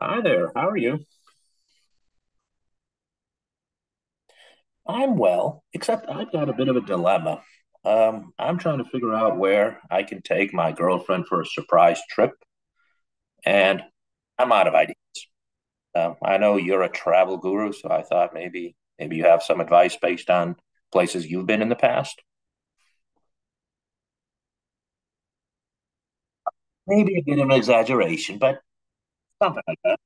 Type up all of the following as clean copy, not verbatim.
Hi there. How are you? I'm well, except I've got a bit of a dilemma. I'm trying to figure out where I can take my girlfriend for a surprise trip, and I'm out of ideas. I know you're a travel guru, so I thought maybe you have some advice based on places you've been in the past. Maybe a bit of an exaggeration, but something like that.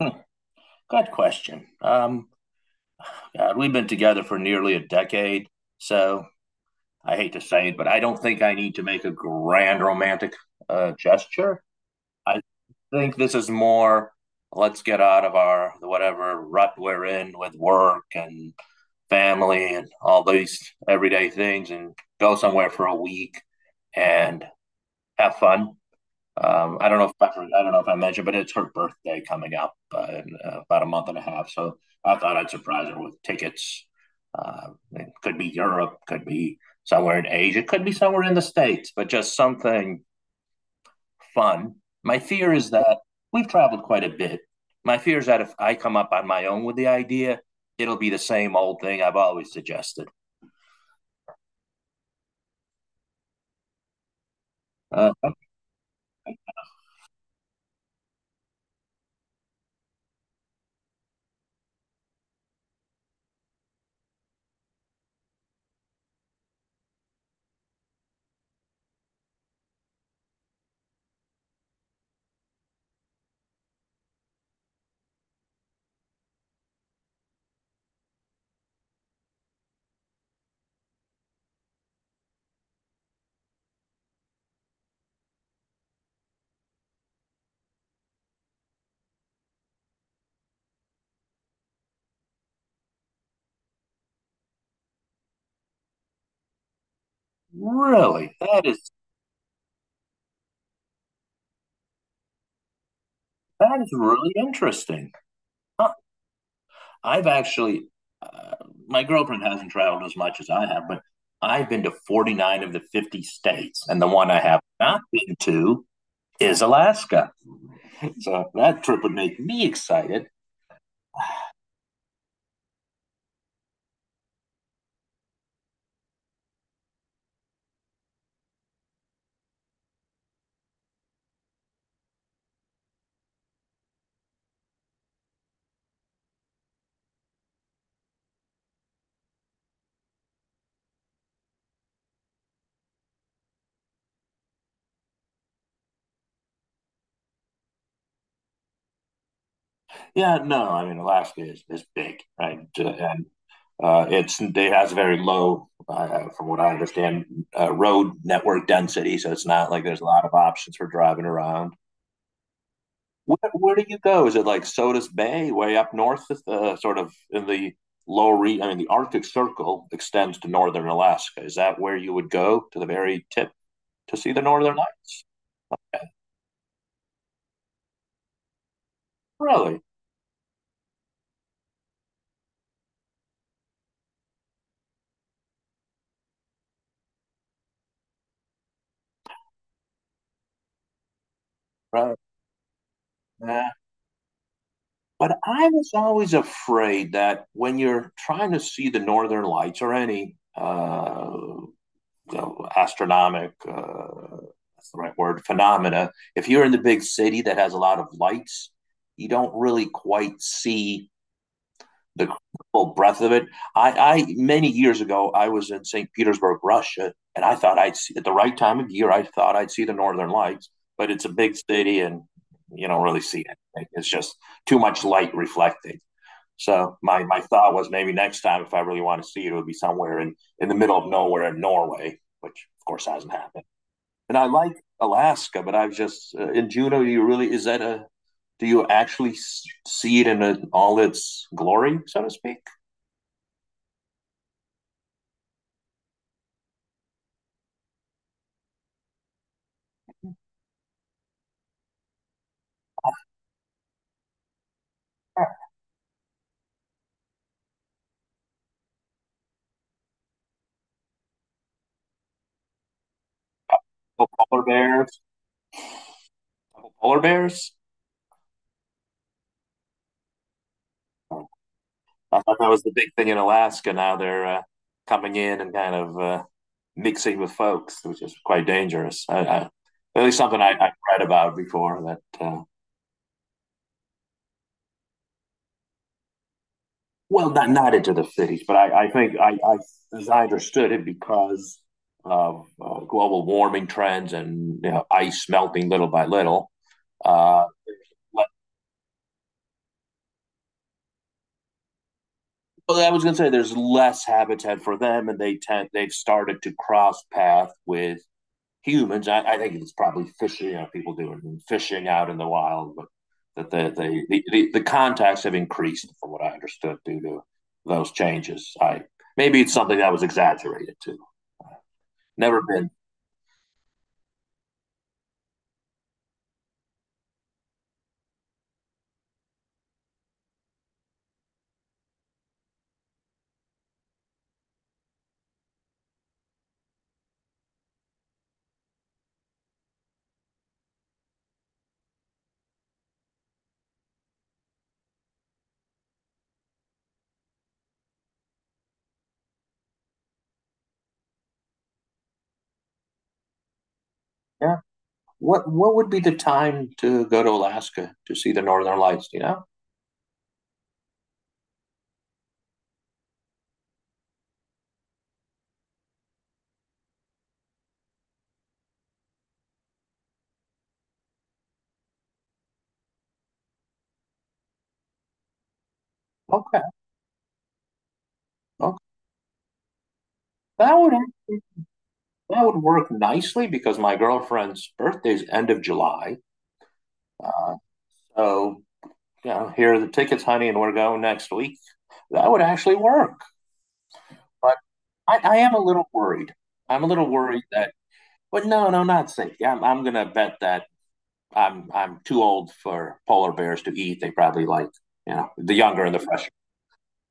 Hmm, good question. God, we've been together for nearly a decade, so I hate to say it, but I don't think I need to make a grand romantic gesture. I think this is more, let's get out of our whatever rut we're in with work and family and all these everyday things, and go somewhere for a week and have fun. I don't know if I don't know if I mentioned, but it's her birthday coming up in about a month and a half. So I thought I'd surprise her with tickets. It could be Europe, could be somewhere in Asia, could be somewhere in the States, but just something fun. My fear is that we've traveled quite a bit. My fear is that if I come up on my own with the idea, it'll be the same old thing I've always suggested. Uh, really, that is really interesting. Huh. I've actually, uh, my girlfriend hasn't traveled as much as I have, but I've been to 49 of the 50 states, and the one I have not been to is Alaska. So that trip would make me excited. Yeah, no, I mean Alaska is big, right? And it has very low, from what I understand, road network density, so it's not like there's a lot of options for driving around. Where do you go? Is it like Sodus Bay, way up north, sort of in the I mean, the Arctic Circle extends to northern Alaska. Is that where you would go to the very tip to see the Northern Lights? Really? Right. Yeah. But I was always afraid that when you're trying to see the Northern Lights, or any astronomic, that's the right word, phenomena, if you're in the big city that has a lot of lights, you don't really quite see the full breadth of it. I many years ago, I was in St. Petersburg, Russia, and I thought I'd see at the right time of year I thought I'd see the Northern Lights. But it's a big city, and you don't really see it. It's just too much light reflecting. So my thought was, maybe next time, if I really want to see it, it would be somewhere in the middle of nowhere in Norway, which, of course, hasn't happened. And I like Alaska, but I've just in Juneau. You really is that a do you actually see it in all its glory, so to speak? Yeah. Polar bears, polar bears. I thought that was the big thing in Alaska. Now they're coming in and kind of mixing with folks, which is quite dangerous. At least something I read about before that Well, not into the cities, but I think, I as I understood it, because of global warming trends, and ice melting little by little. Uh, well, I was going to say there's less habitat for them, and they've started to cross path with humans. I think it's probably fishing. You know, people doing fishing out in the wild, but that the contacts have increased, from what I understood, due to those changes. I maybe it's something that was exaggerated too. Never been. Yeah. What would be the time to go to Alaska to see the Northern Lights? You know? Okay. Okay. That would actually- that would work nicely because my girlfriend's birthday's end of July. Uh, so, you know, here are the tickets, honey, and we're going next week. That would actually work. But I am a little worried. I'm a little worried that. But no, no, not safe. Yeah, I'm gonna bet that I'm too old for polar bears to eat. They probably like, you know, the younger and the fresher.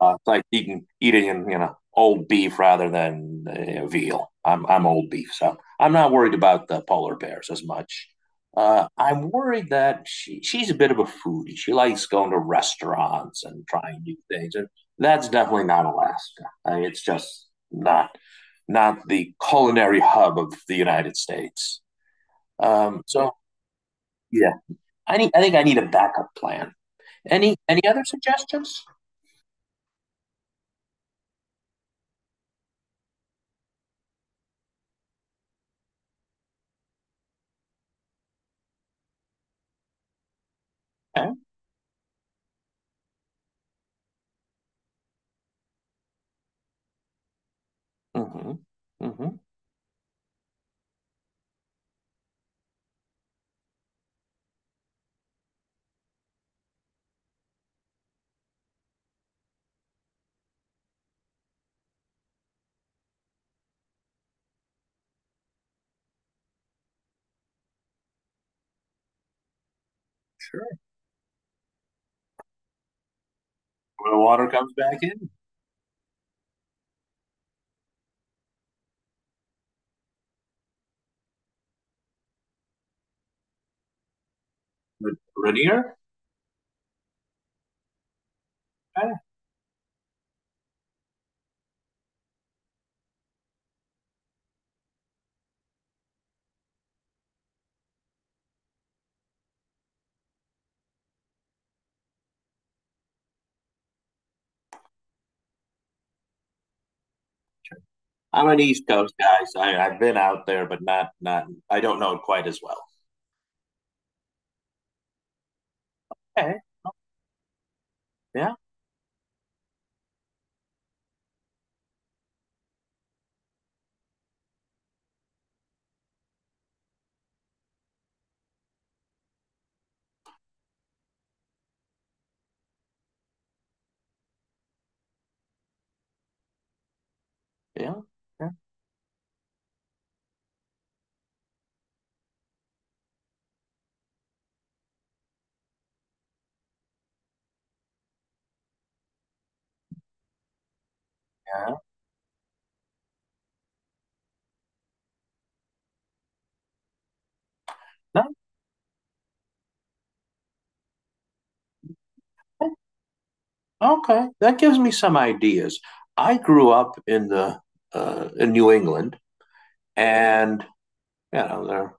It's like eating, old beef rather than veal. I'm old beef, so I'm not worried about the polar bears as much. I'm worried that she's a bit of a foodie. She likes going to restaurants and trying new things, and that's definitely not Alaska. I mean, it's just not the culinary hub of the United States. So, yeah, I need, I need a backup plan. Any other suggestions? Okay. Mm-hmm. Mm-hmm. Sure. When the water comes back in. The Rainier. Eh, sure. I'm an East Coast guy, so I've been out there, but not. I don't know it quite as well. Okay. Yeah. Yeah. Yeah. Yeah. No, eh, okay. That gives me some ideas. I grew up in the in New England, and you know there are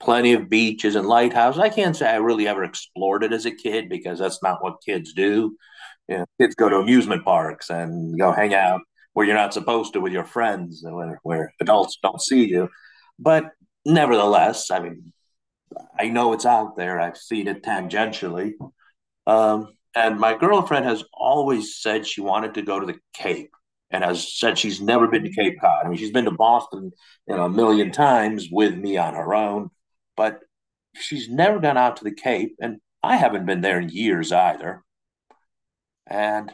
plenty of beaches and lighthouses. I can't say I really ever explored it as a kid, because that's not what kids do. Yeah, kids go to amusement parks and go hang out where you're not supposed to with your friends, and where adults don't see you. But nevertheless, I mean, I know it's out there. I've seen it tangentially. Um, and my girlfriend has always said she wanted to go to the Cape, and has said she's never been to Cape Cod. I mean, she's been to Boston, a million times with me on her own, but she's never gone out to the Cape. And I haven't been there in years either. And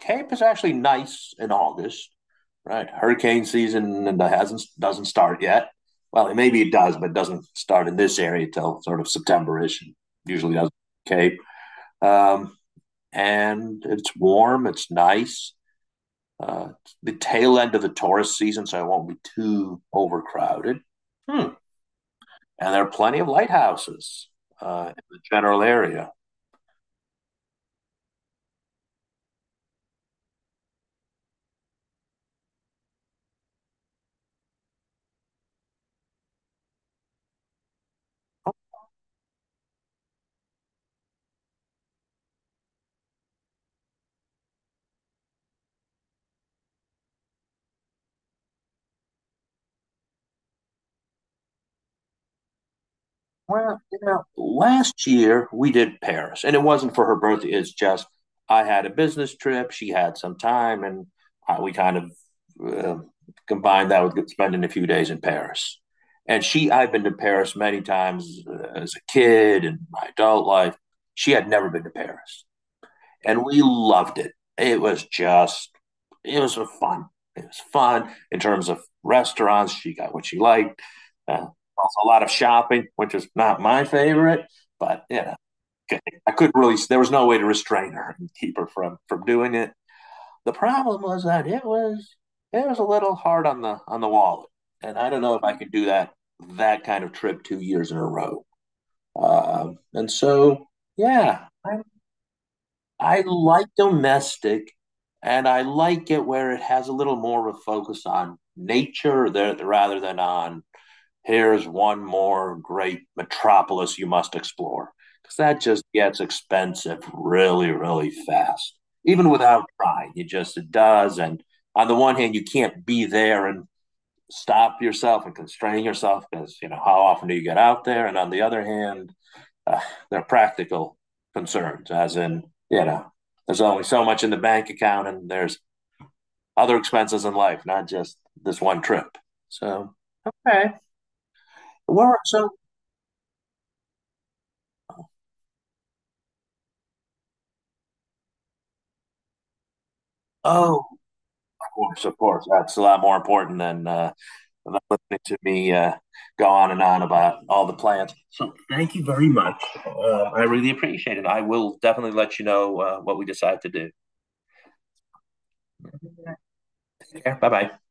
camp is actually nice in August, right? Hurricane season, and hasn't doesn't start yet. Well, maybe it does, but it doesn't start in this area till sort of September-ish. It usually does Cape. Um, and it's warm. It's nice. It's the tail end of the tourist season, so it won't be too overcrowded. Hmm. And there are plenty of lighthouses in the general area. Well, you know, last year we did Paris, and it wasn't for her birthday. It's just, I had a business trip, she had some time, and we kind of uh, combined that with spending a few days in Paris. And I've been to Paris many times as a kid and my adult life. She had never been to Paris, and we loved it. It was just, it was fun. It was fun in terms of restaurants. She got what she liked. Uh, also, a lot of shopping, which is not my favorite, but okay. I couldn't really. There was no way to restrain her and keep her from doing it. The problem was that it was a little hard on the wallet, and I don't know if I could do that kind of trip 2 years in a row. And so, yeah, I like domestic, and I like it where it has a little more of a focus on nature there, rather than on, here's one more great metropolis you must explore. Because that just gets expensive really, really fast, even without trying. It does. And on the one hand, you can't be there and stop yourself and constrain yourself because, you know, how often do you get out there? And on the other hand, uh, they're practical concerns, as in, you know, there's only so much in the bank account, and there's other expenses in life, not just this one trip. So, okay. Well, so, oh, of course, of course. That's a lot more important than listening to me go on and on about all the plans. So, thank you very much. I really appreciate it. I will definitely let you know what we decide to do. Okay. Bye bye.